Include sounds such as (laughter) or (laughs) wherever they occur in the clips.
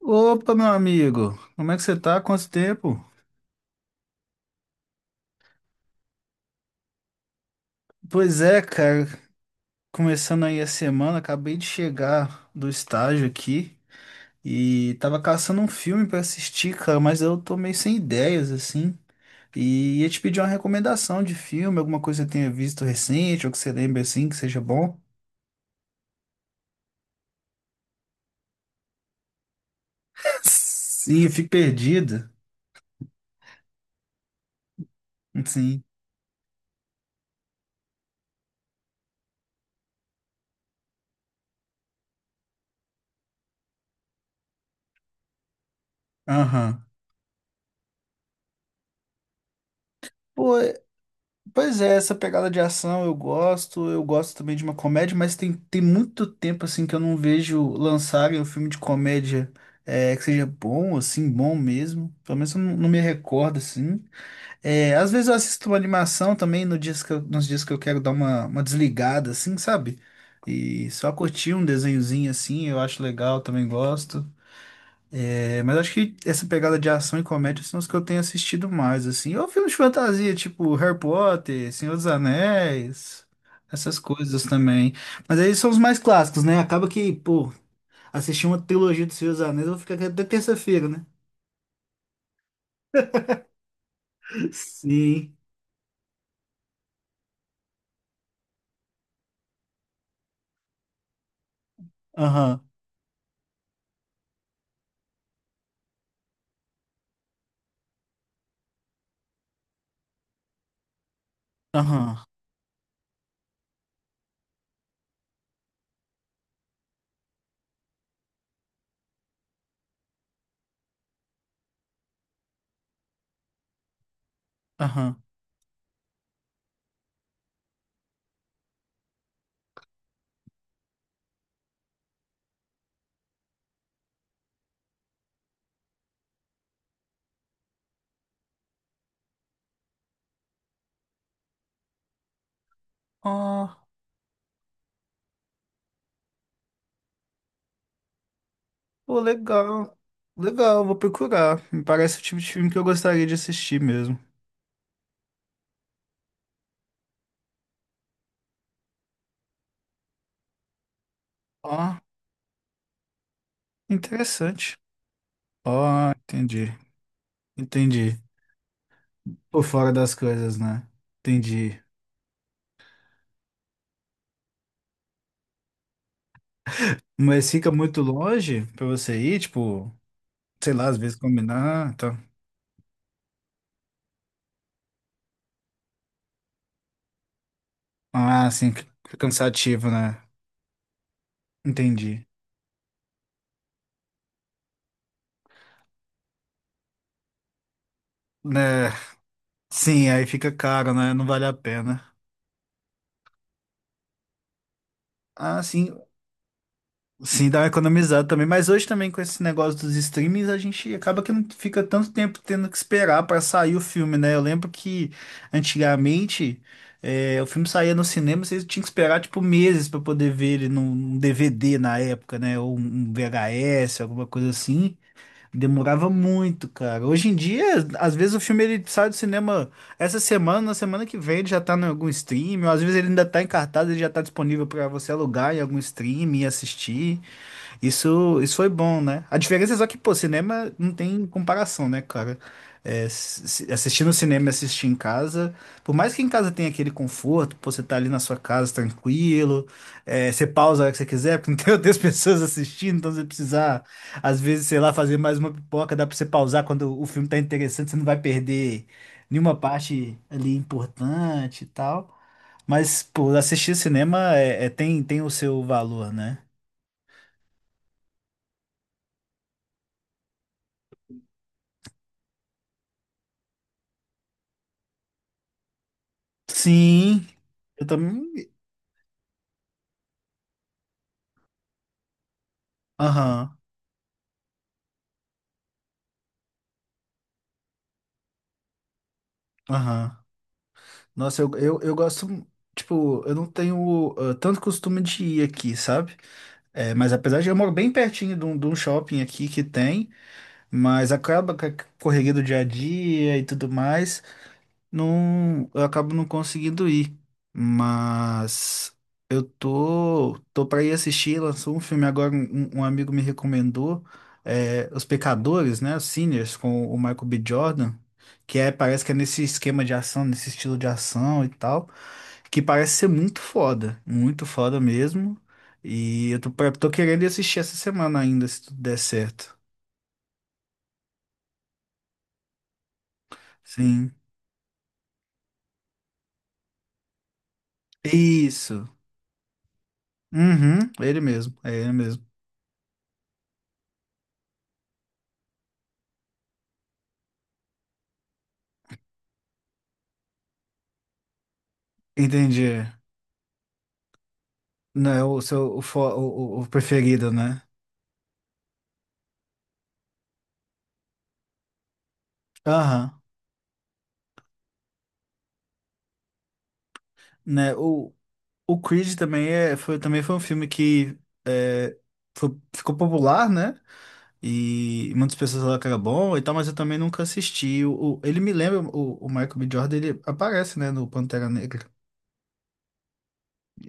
Opa, meu amigo, como é que você tá? Quanto tempo? Pois é, cara, começando aí a semana, acabei de chegar do estágio aqui e tava caçando um filme pra assistir, cara, mas eu tô meio sem ideias, assim, e ia te pedir uma recomendação de filme, alguma coisa que você tenha visto recente ou que você lembre, assim, que seja bom. (laughs) Sim, eu fico perdido, sim, aham. Pô, Pois é, essa pegada de ação eu gosto também de uma comédia, mas tem muito tempo assim que eu não vejo lançarem um filme de comédia que seja bom, assim, bom mesmo. Pelo menos eu não me recordo, assim. É, às vezes eu assisto uma animação também no nos dias que eu quero dar uma desligada, assim, sabe? E só curtir um desenhozinho assim, eu acho legal, também gosto. É, mas acho que essa pegada de ação e comédia são os que eu tenho assistido mais, assim. Ou filmes de fantasia, tipo Harry Potter, Senhor dos Anéis, essas coisas também. Mas aí são os mais clássicos, né? Acaba que, pô, assistir uma trilogia do Senhor dos Anéis, eu vou ficar aqui até terça-feira, né? (laughs) Sim. Aham, aham, aham. Ah, pô, legal. Legal, vou procurar. Me parece o tipo de filme que eu gostaria de assistir mesmo. Ah, interessante. Ah, entendi. Entendi. Por fora das coisas, né? Entendi. Mas fica muito longe pra você ir, tipo, sei lá, às vezes combinar, tá? Ah, sim, cansativo, né? Entendi. Né? Sim, aí fica caro, né? Não vale a pena. Ah, sim. Sim, dá uma economizada também, mas hoje também com esse negócio dos streamings a gente acaba que não fica tanto tempo tendo que esperar para sair o filme, né? Eu lembro que antigamente o filme saía no cinema, vocês tinham que esperar tipo meses para poder ver ele num DVD na época, né? Ou um VHS, alguma coisa assim. Demorava muito, cara. Hoje em dia, às vezes o filme ele sai do cinema essa semana, na semana que vem ele já tá em algum stream, ou às vezes ele ainda tá em cartaz, ele já tá disponível para você alugar em algum stream e assistir. Isso foi bom, né? A diferença é só que, pô, cinema não tem comparação, né, cara? É, assistir no cinema e assistir em casa, por mais que em casa tenha aquele conforto, pô, você tá ali na sua casa tranquilo, é, você pausa a hora que você quiser, porque não tem (laughs) outras pessoas assistindo, então você precisar, às vezes, sei lá, fazer mais uma pipoca, dá pra você pausar quando o filme tá interessante, você não vai perder nenhuma parte ali importante e tal. Mas, pô, assistir cinema tem o seu valor, né? Sim, eu também. Aham, aham. Nossa, eu gosto. Tipo, eu não tenho ah, tanto costume de ir aqui, sabe? É, mas apesar de eu moro bem pertinho de um shopping aqui que tem, mas acaba com a correria do dia a dia e tudo mais. Não, eu acabo não conseguindo ir, mas eu tô para ir assistir. Lançou um filme agora, um amigo me recomendou, é, Os Pecadores, né? Os Sinners, com o Michael B. Jordan, que é, parece que é nesse esquema de ação, nesse estilo de ação e tal, que parece ser muito foda mesmo. E eu tô, tô querendo ir assistir essa semana ainda, se tudo der certo. Sim. Isso. Uhum, ele mesmo, é ele mesmo. Entendi. Não é o seu o- preferido, né? Aham. Né, o Creed também, também foi um filme que é, ficou popular, né? E muitas pessoas falaram que era bom e tal, mas eu também nunca assisti. Ele me lembra, o Michael B. Jordan, ele aparece, né, no Pantera Negra.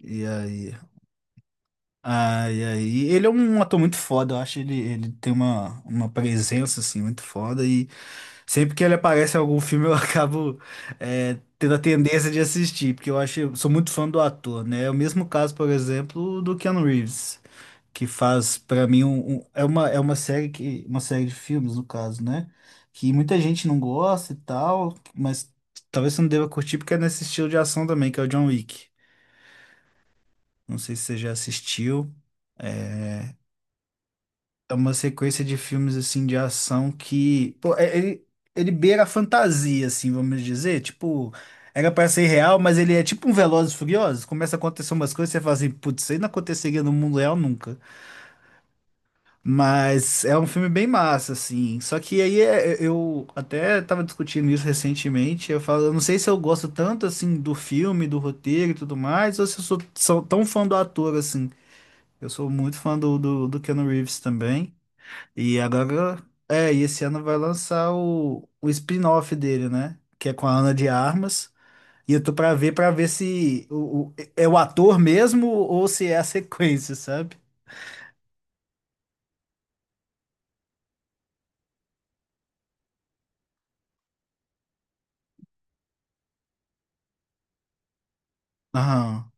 E aí Ai, ai. Ele é um ator muito foda, eu acho ele, ele tem uma presença, assim, muito foda e sempre que ele aparece em algum filme eu (laughs) acabo tendo a tendência de assistir, porque eu acho, sou muito fã do ator, né? É o mesmo caso, por exemplo, do Keanu Reeves, que faz, pra mim, é uma série que, uma série de filmes, no caso, né? Que muita gente não gosta e tal, mas talvez você não deva curtir porque é nesse estilo de ação também, que é o John Wick. Não sei se você já assistiu. É, é uma sequência de filmes assim de ação que, pô, ele, ele beira a fantasia, assim, vamos dizer, tipo, era pra ser real, mas ele é tipo um Velozes e Furiosos, começa a acontecer umas coisas, você fala assim, putz, isso aí não aconteceria no mundo real nunca. Mas é um filme bem massa, assim. Só que aí eu até tava discutindo isso recentemente, eu falo, eu não sei se eu gosto tanto assim do filme, do roteiro e tudo mais, ou se eu sou tão fã do ator assim. Eu sou muito fã do Keanu Reeves também. E agora, e esse ano vai lançar o spin-off dele, né? Que é com a Ana de Armas. E eu tô pra ver se é o ator mesmo ou se é a sequência, sabe? Aham.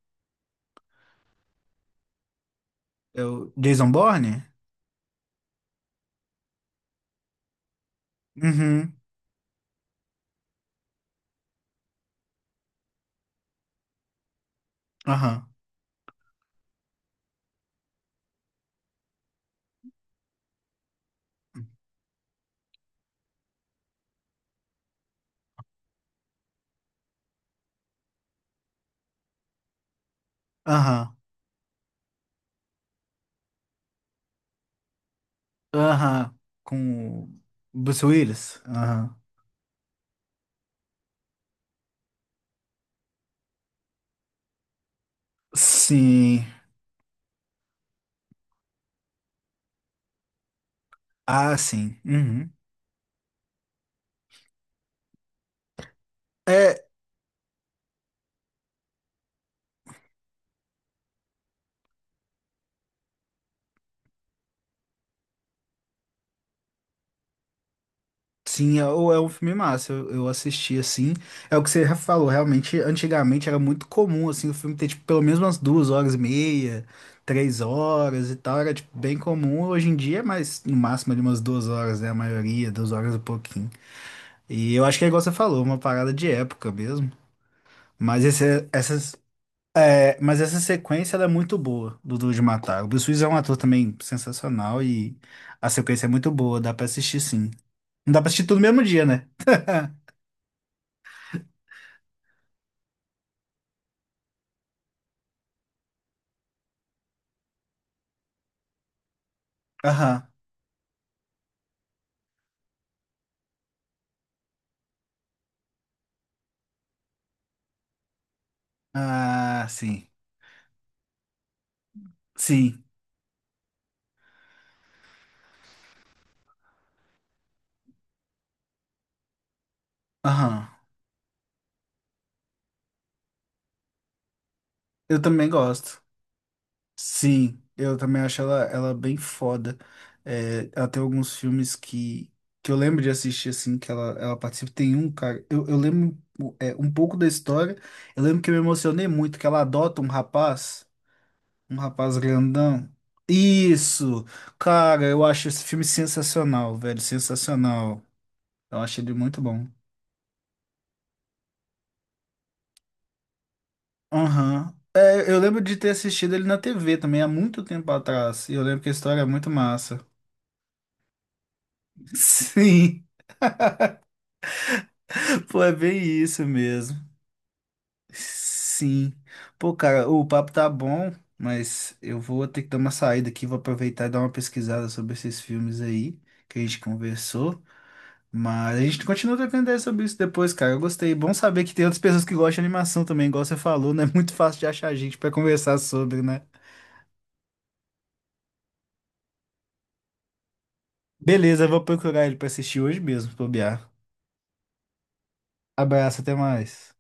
É o Jason Bourne? Uhum. Aham. Aham. Aham. Com o Bruce Willis? Aham. Sim. Ah, sim. Uhum. É, Sim, é, ou é um filme massa, eu assisti assim. É o que você falou, realmente, antigamente era muito comum assim o filme ter tipo, pelo menos umas 2 horas e meia, 3 horas e tal, era tipo, bem comum. Hoje em dia é mais, no máximo, de umas 2 horas, né? A maioria, 2 horas e pouquinho. E eu acho que é igual você falou, uma parada de época mesmo. Mas, mas essa sequência ela é muito boa do Duro de Matar. O Bruce Willis é um ator também sensacional e a sequência é muito boa, dá pra assistir sim. Não dá pra assistir tudo no mesmo dia, né? Aham. Ah, sim. Sim. Aham. Eu também gosto. Sim, eu também acho ela bem foda. É, ela tem alguns filmes que eu lembro de assistir, assim, ela participa. Tem um, cara, eu lembro um pouco da história. Eu lembro que eu me emocionei muito, que ela adota um rapaz grandão. Isso! Cara, eu acho esse filme sensacional, velho, sensacional. Eu achei ele muito bom. Aham. É, eu lembro de ter assistido ele na TV também, há muito tempo atrás. E eu lembro que a história é muito massa. (laughs) Sim, pô, é bem isso mesmo. Sim. Pô, cara, o papo tá bom, mas eu vou ter que dar uma saída aqui, vou aproveitar e dar uma pesquisada sobre esses filmes aí que a gente conversou. Mas a gente continua trocando ideia sobre isso depois, cara. Eu gostei. Bom saber que tem outras pessoas que gostam de animação também, igual você falou, não é (laughs) muito fácil de achar gente pra conversar sobre, né? Beleza, eu vou procurar ele pra assistir hoje mesmo, se bobear. Abraço, até mais.